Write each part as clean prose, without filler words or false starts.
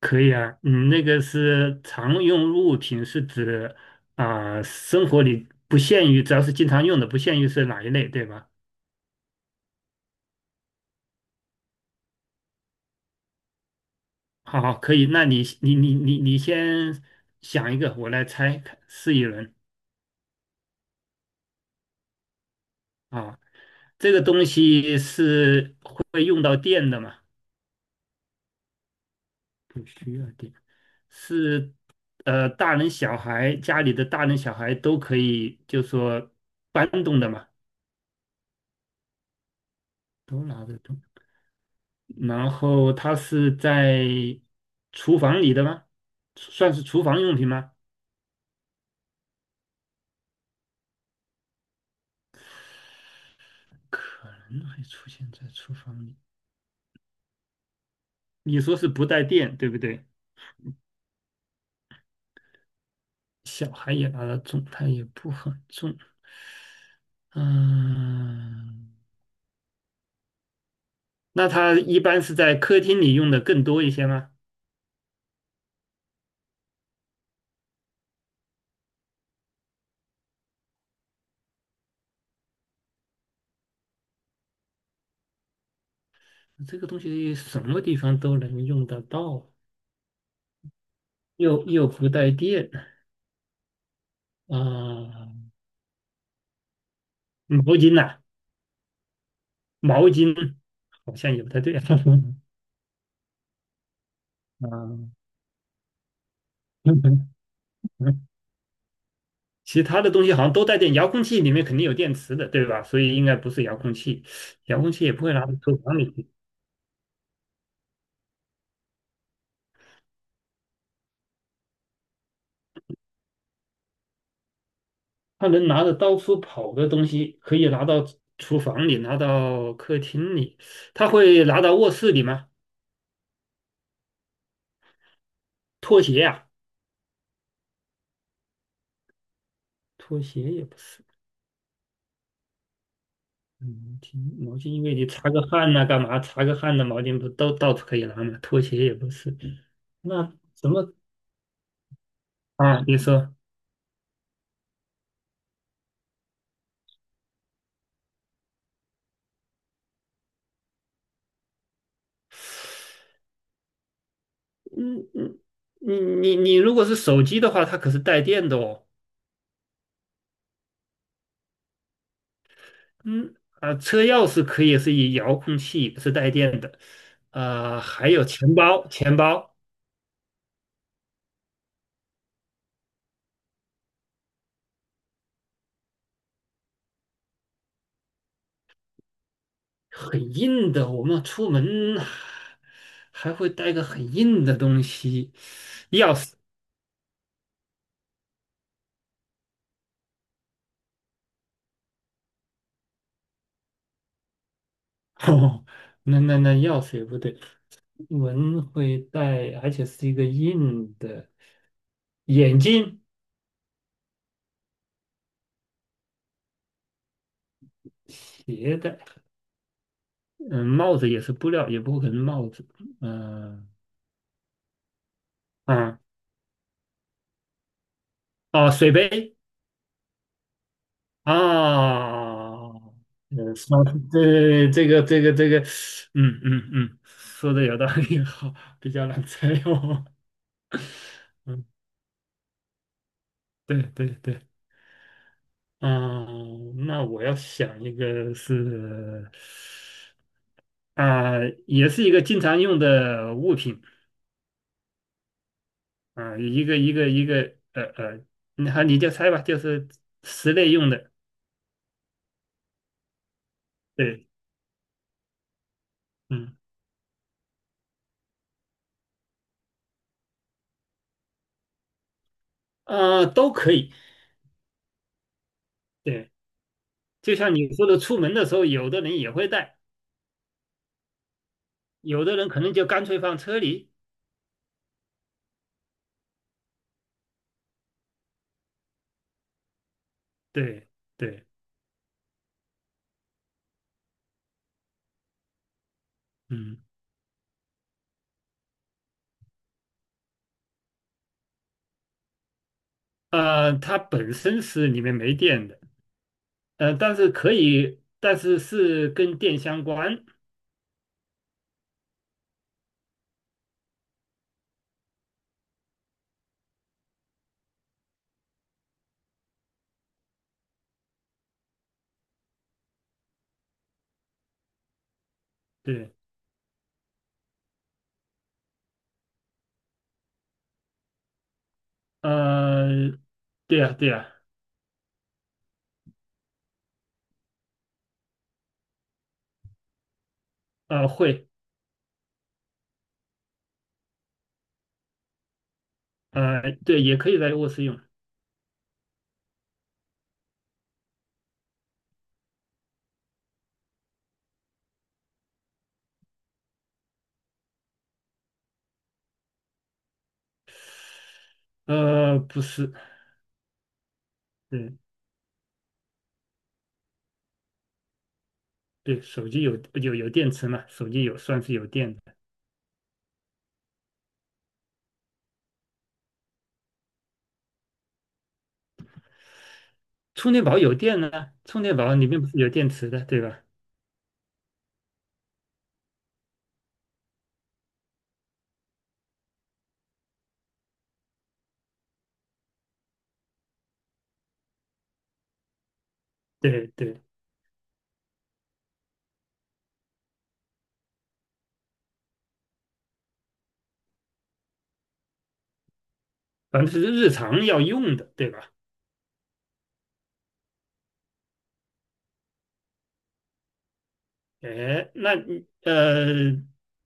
可以啊，你那个是常用物品，是指生活里不限于，只要是经常用的，不限于是哪一类，对吧？好好，可以，那你先想一个，我来猜看试一轮啊。这个东西是会用到电的吗？不需要电，是大人小孩家里的大人小孩都可以，就说搬动的嘛，都拿得动。然后它是在厨房里的吗？算是厨房用品吗？可能会出现在厨房里。你说是不带电，对不对？小孩也拿得重，它也不很重。嗯，那它一般是在客厅里用的更多一些吗？这个东西什么地方都能用得到，又不带电啊，毛巾呐、毛巾好像也不太对啊。啊，其他的东西好像都带电，遥控器里面肯定有电池的，对吧？所以应该不是遥控器，遥控器也不会拿到厨房里去。它能拿着到处跑的东西，可以拿到厨房里，拿到客厅里，他会拿到卧室里吗？拖鞋呀、拖鞋也不是。毛巾，挺毛巾，因为你擦个汗呐、干嘛？擦个汗的毛巾不都到处可以拿吗？拖鞋也不是。那什么啊？你说，嗯嗯，你如果是手机的话，它可是带电的哦。嗯，啊，车钥匙可以是以遥控器，不是带电的。啊、还有钱包，钱包很硬的，我们出门还会带个很硬的东西，钥匙。哦，那那钥匙也不对，出门会带，而且是一个硬的。眼镜、鞋带，嗯，帽子也是布料，也不可能帽子。嗯、啊，哦，水杯。啊，说对这个，嗯嗯嗯，说的有道理，好，比较难猜哦。嗯，对对对，啊，那我要想一个是，啊、也是一个经常用的物品，啊、一个，你好，你就猜吧，就是室内用的，对，嗯，啊，都可以，对，就像你说的，出门的时候，有的人也会带。有的人可能就干脆放车里，对对，嗯，它本身是里面没电的，但是可以，但是是跟电相关，对，呃，对呀对呀，会，对，也可以在卧室用，不是，嗯对，手机有电池嘛，手机有算是有电的，充电宝有电呢，充电宝里面不是有电池的，对吧？对对，反正是日常要用的，对吧？哎，那你,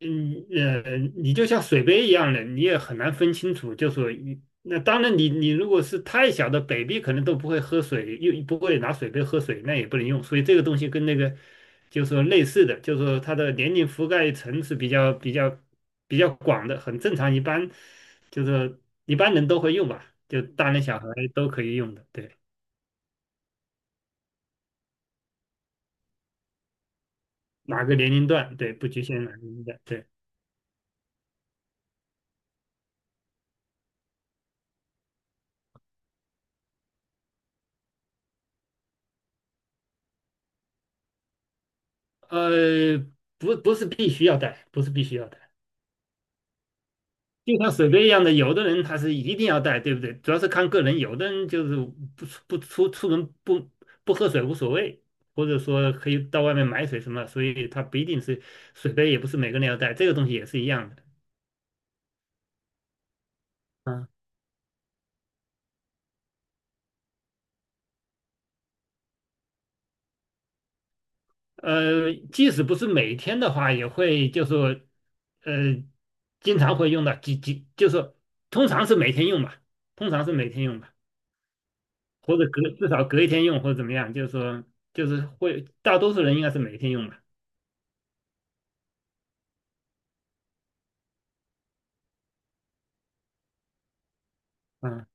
你就像水杯一样的，你也很难分清楚。就说一那当然你，你如果是太小的 baby，可能都不会喝水，又不会拿水杯喝水，那也不能用。所以这个东西跟那个就是说类似的，就是说它的年龄覆盖层是比较广的，很正常。一般就是说一般人都会用吧，就大人小孩都可以用的，对，哪个年龄段，对，不局限哪个年龄段，对。呃，不是必须要带，不是必须要带，就像水杯一样的，有的人他是一定要带，对不对？主要是看个人，有的人就是不出不出出门不喝水无所谓，或者说可以到外面买水什么，所以他不一定是水杯，也不是每个人要带，这个东西也是一样的。即使不是每天的话，也会就说呃经常会用到，就说通常是每天用吧，通常是每天用吧。或者隔至少隔一天用或者怎么样，就是说就是会大多数人应该是每天用吧。嗯，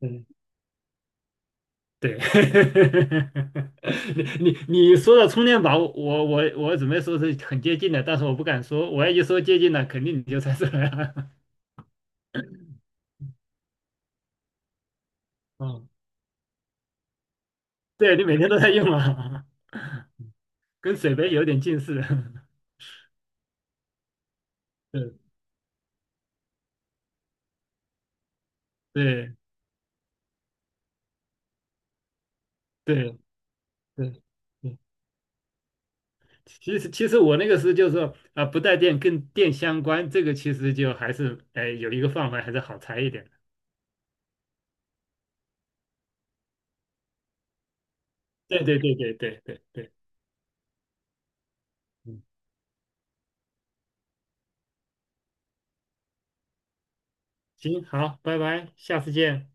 嗯，对。你你你说的充电宝，我准备说是很接近的，但是我不敢说，我要一说接近了，肯定你就猜出来了。嗯，对你每天都在用啊，跟水杯有点近似。对对对对对其实我那个是就是说不带电跟电相关，这个其实就还是哎有一个范围还是好猜一点的。对对对对对对对，嗯，行，好，拜拜，下次见。